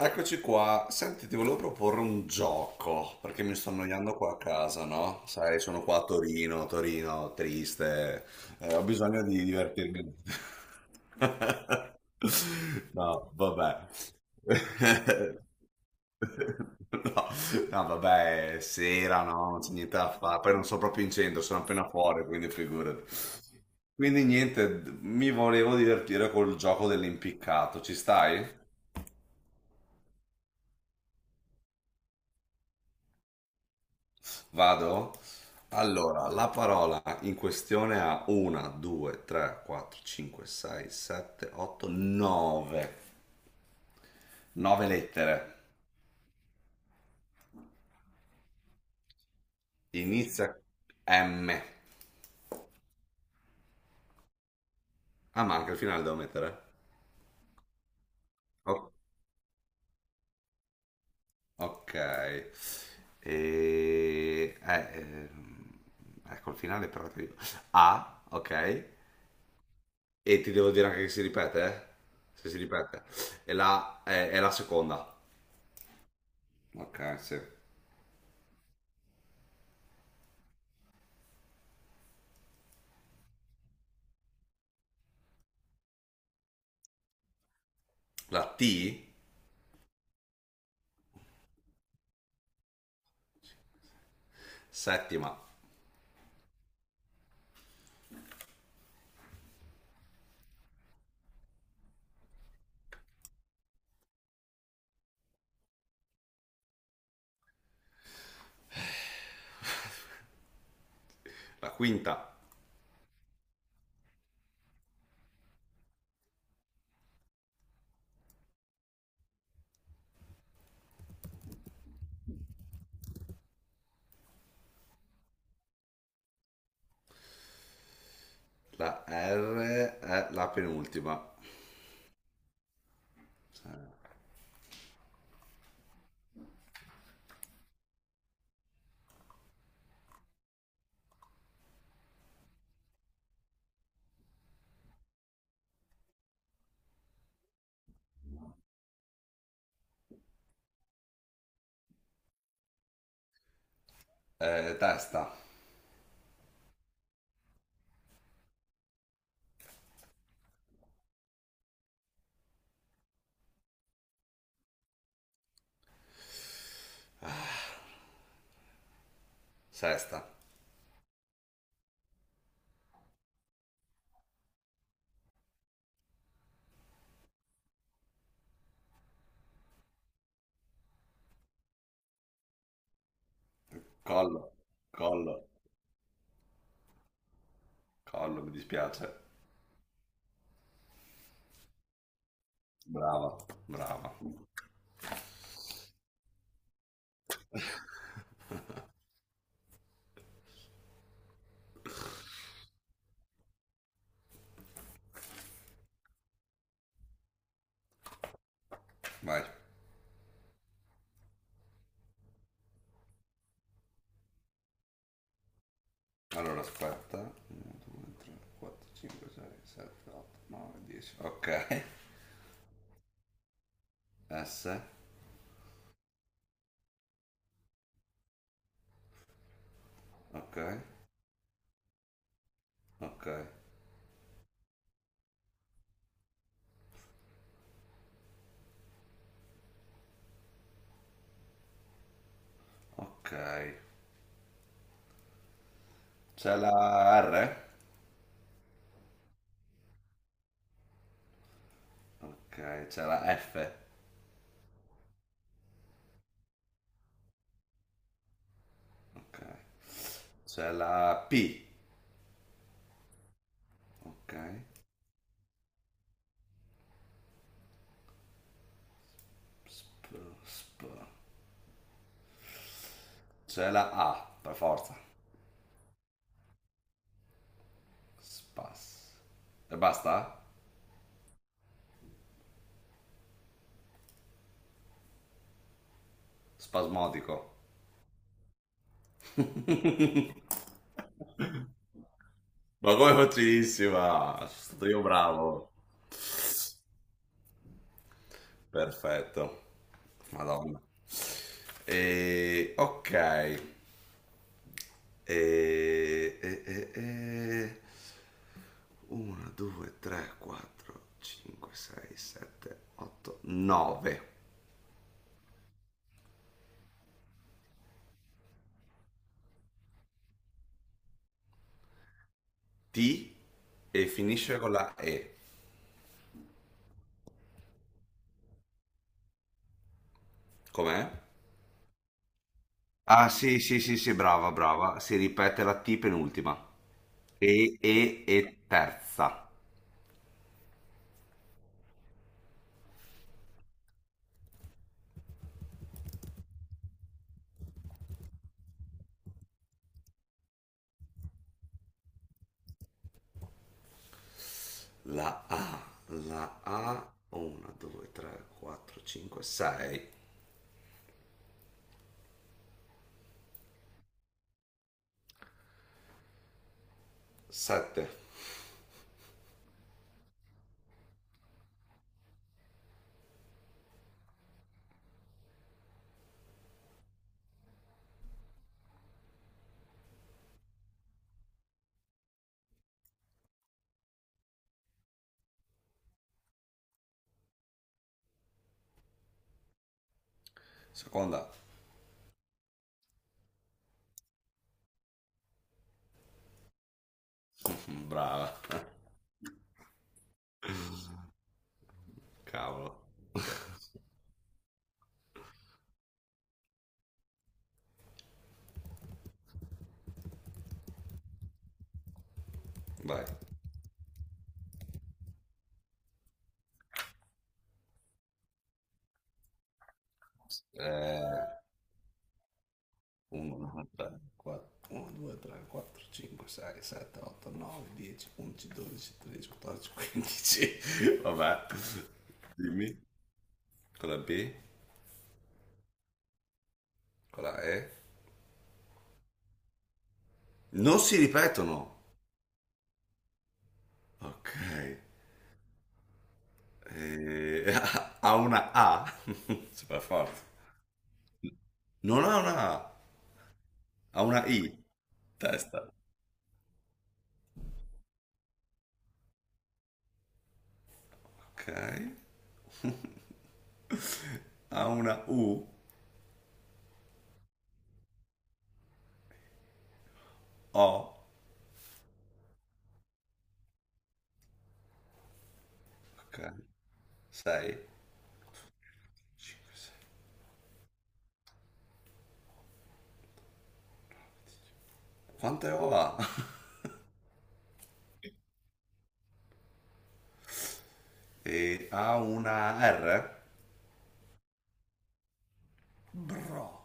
Eccoci qua, senti, ti volevo proporre un gioco, perché mi sto annoiando qua a casa, no? Sai, sono qua a Torino, Torino triste, ho bisogno di divertirmi. No, vabbè. No, no, vabbè, è sera, no, non c'è niente da fare, poi non sono proprio in centro, sono appena fuori, quindi figurati. Quindi niente, mi volevo divertire col gioco dell'impiccato, ci stai? Vado? Allora, la parola in questione ha 1, 2, 3, 4, 5, 6, 7, 8, 9. 9 lettere. Inizia M. Ah, ma anche il finale devo mettere? O- ok. E... eh, ehm, ecco, il finale però ti dico. A, ok. E ti devo dire anche che si ripete, eh? Se si ripete. E è la seconda. Ok, sì. La T. Settima. La quinta. La R è la penultima. Testa. Sesta. Collo. Collo. Collo, mi dispiace. Brava. Brava. Vai. Allora, aspetta. 1, 2, 3, 4, 5, 6, 7, 8, 9, 10. Ok. S. Ok. Ok. Ok. C'è la R? Ok. C'è la F? Ok. C'è la P. Ok. Sp, sp. C'è la A, per forza. Spas. E basta? Spasmodico. Ma come facilissima! Sono stato io bravo. Perfetto. Madonna. E ok. E, e, e, e 1, 2, 3, 4, 5, 6, 7, 8, 9. T e finisce con la E. Com'è? Ah, sì, sì, sì, sì, brava, brava. Si ripete la T penultima. E terza. La A, 1, 2, 3, 4, 5, 6, 7. Seconda. Brava. Cavolo. Vai. Eh, 1, 2, 3, 4, 5, 6, 7, 8, 9, 10, 11, 12, 13, 14, 15. Vabbè, dimmi con la B, con la E. Non si ripetono. Ok. Eh, ha una A. Super forte. Non ha una A, ha una I. Testa. Ok. Ha una U. O. Ok. 6. 5, 6. Quante O ha? E ha una R? Bro.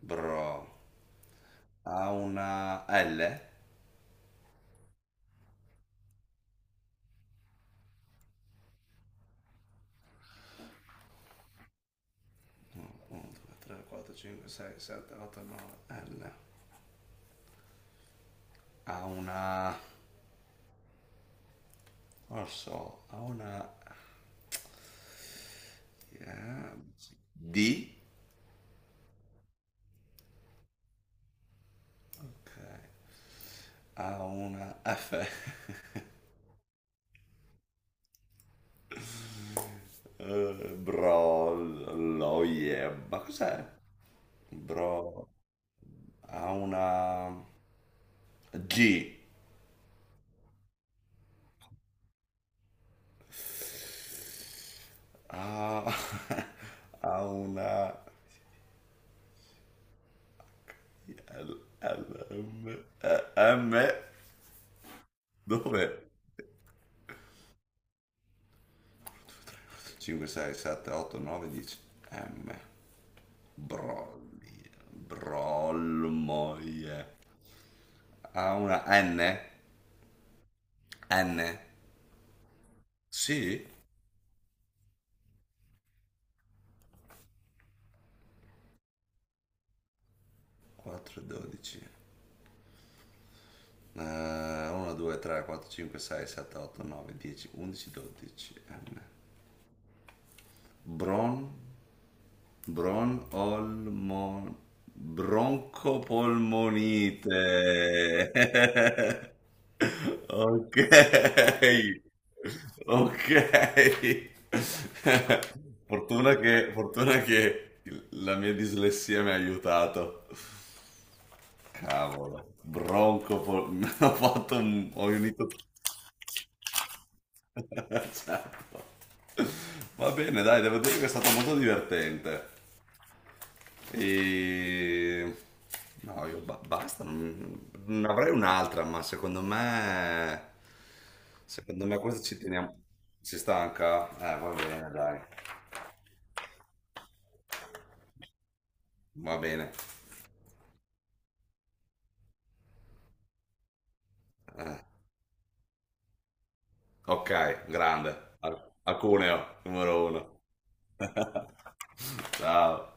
Bro. Ha una L? 1, 2, 3, 4, 5, 6, 7, 8, 9, L. Ha una non lo so, ha una yeah, D? Ok. Ha una F? Bro, lo yeah. Ma cos'è? Bro. Ha una G? Ha ha una L, L, M, E, M. Dove? 5, 6, 7, 8, 9, 10. M. Brolli. Brollmoie. Ha una N? N. Sì. 4, 12. 1, 2, 3, 4, 5, 6, 7, 8, 9, 10, 11, 12. M. Bron. Bron- olmo- broncopolmonite. Ok. Ok. Fortuna che, la mia dislessia mi ha aiutato. Cavolo. Broncopol. Ho fatto un, ho unito. Certo. Va bene, dai, devo dire che è stato molto divertente. E... No, io basta, non avrei un'altra, ma secondo me. Secondo me questa ci teniamo. Si stanca? Va bene, dai. Va bene. Eh, Ok, grande. Acuneo, numero uno. Ciao.